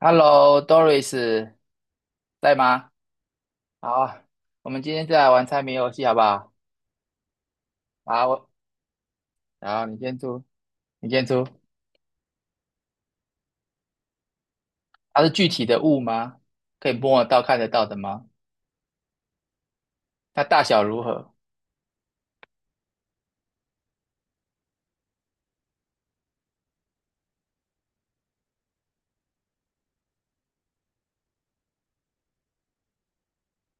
Hello，Doris，在吗？好啊，我们今天再来玩猜谜游戏，好不好？好，我，好，你先出，你先出。它是具体的物吗？可以摸得到、看得到的吗？它大小如何？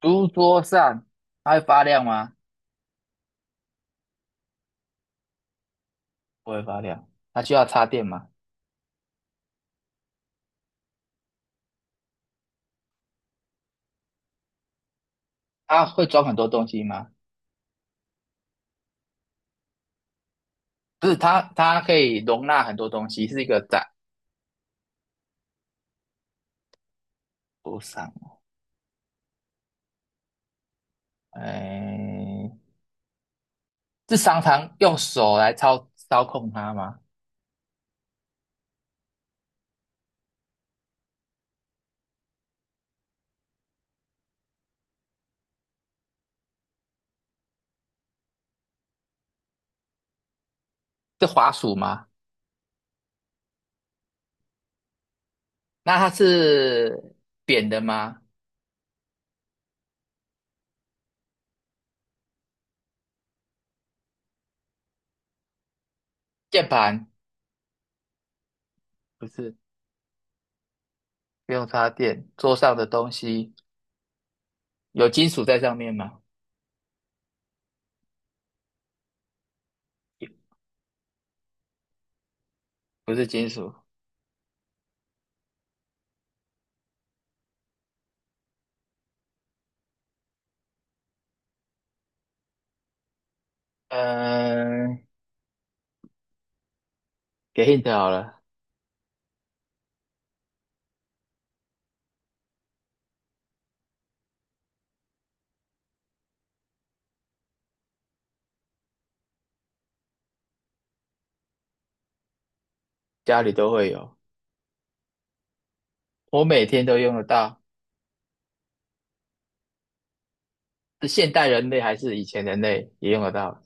书桌上，它会发亮吗？不会发亮。它需要插电吗？它会装很多东西吗？不是，它可以容纳很多东西，是一个展桌上。哎，是常常用手来操控它吗？是滑鼠吗？那它是扁的吗？键盘不是，不用插电。桌上的东西有金属在上面吗？也不是金属。嗯，给 hint 好了，家里都会有，我每天都用得到。是现代人类还是以前人类也用得到？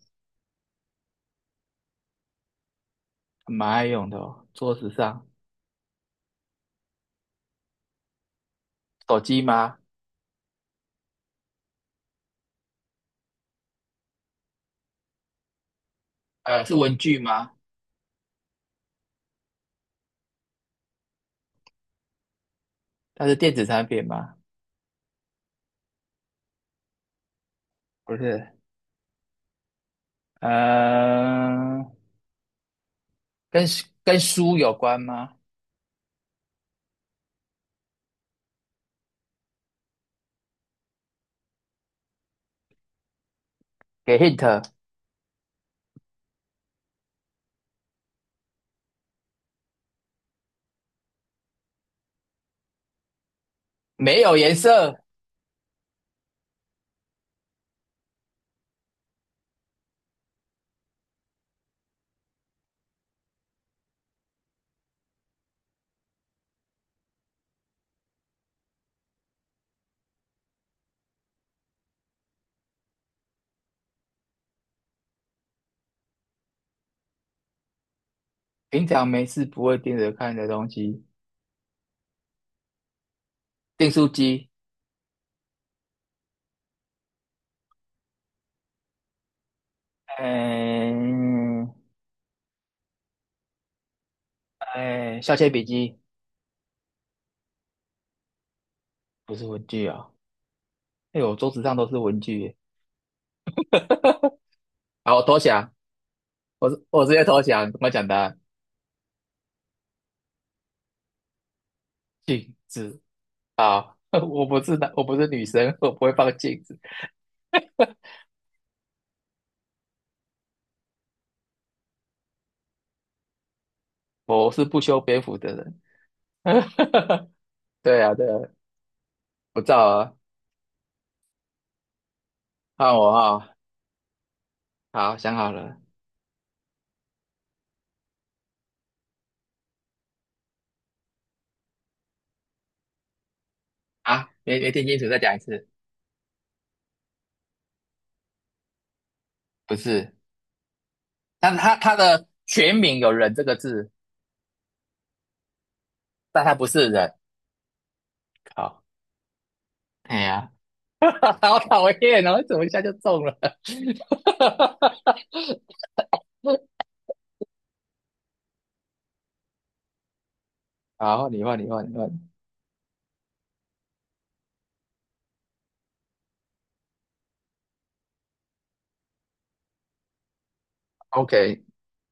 蛮爱用的哦。桌子上，手机吗？呃，是文具吗？它是电子产品吗？不是。呃，跟跟书有关吗？给 hint，没有颜色。平常没事不会盯着看的东西，订书机，嗯，哎，削铅笔机不是文具啊、哎呦，我桌子上都是文具耶。好，我投降，我直接投降，怎么讲的？案，镜子啊，我不是男，我不是女生，我不会放镜子，我是不修边幅的人。对啊，对啊，不照啊，看我啊、好，想好了啊，没没听清楚，再讲一次，不是，但是它的全名有人这个字，但它不是人。好，哎呀，好讨厌哦！怎么一下就中了？好，你问，你问，你问。OK，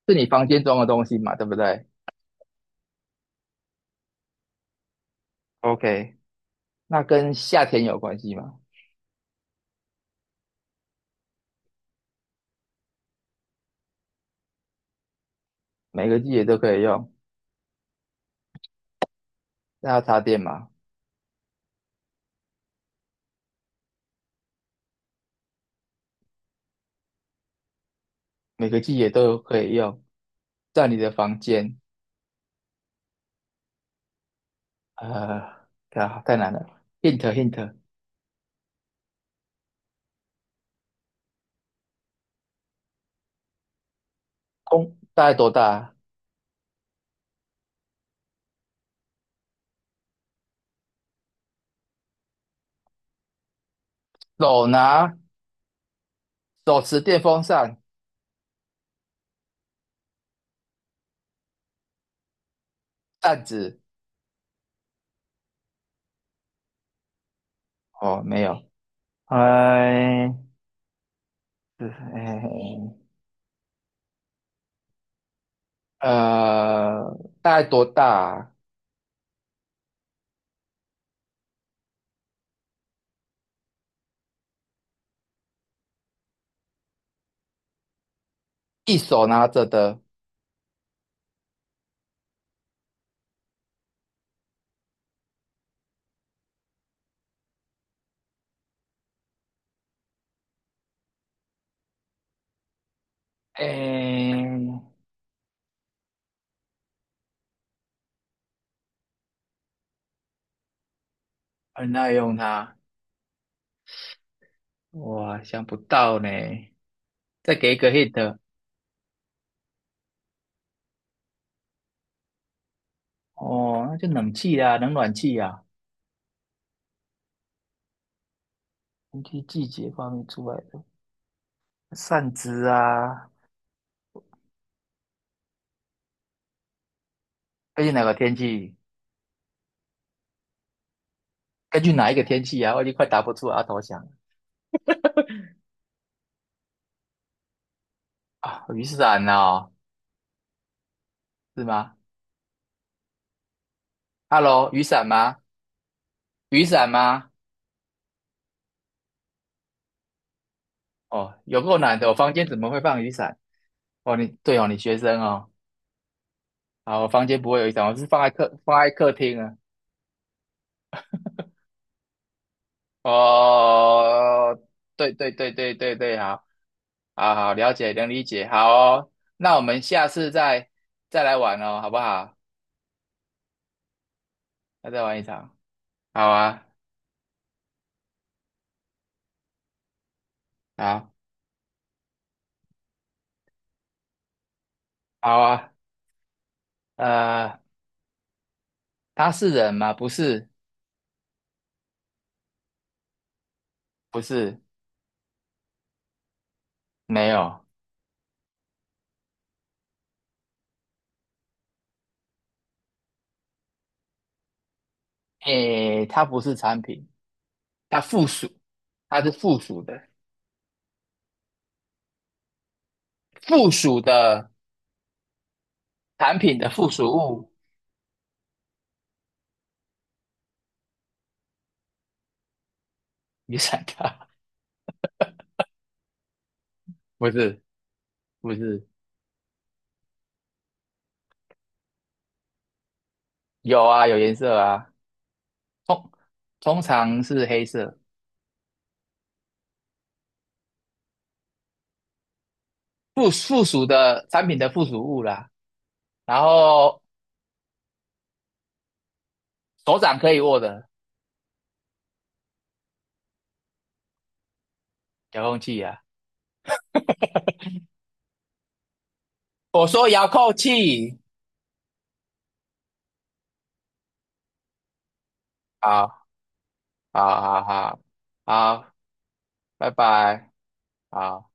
是你房间装的东西嘛？对不对？OK，那跟夏天有关系吗？每个季节都可以用。那要插电嘛？每个季节都可以用。在你的房间，呃，啊，太难了。Hint hint，空大概多大啊手拿手持电风扇、扇子。哦，没有。哎。是，哎，呃，大概多大啊一手拿着的，哎，很耐用它。哇，想不到呢。再给一个 hit，哦，那就冷气啊，冷暖气啊，根据季节方面出来的扇子啊，根据哪个天气？根据哪一个天气啊？我已经快答不出阿头想了啊，雨伞哦，是吗？Hello，雨伞吗？雨伞吗？哦，有够难的，我房间怎么会放雨伞？哦，你对哦，你学生哦，好，我房间不会有一张，我是放在客放在客厅啊。哦，对对对对对对，好，好好了解能理解，好哦，那我们下次再来玩哦，好不好？那再玩一场，好啊，好，好啊，呃，它是人吗？不是，不是，没有，诶，它不是产品，它附属，它是附属的，附属的产品的附属物，你想它 不是？不是，有啊，有颜色啊，通通常是黑色，附属的产品的附属物啦。然后手掌可以握的遥控器啊，我说遥控器，好，好，好，好，好，拜拜，好。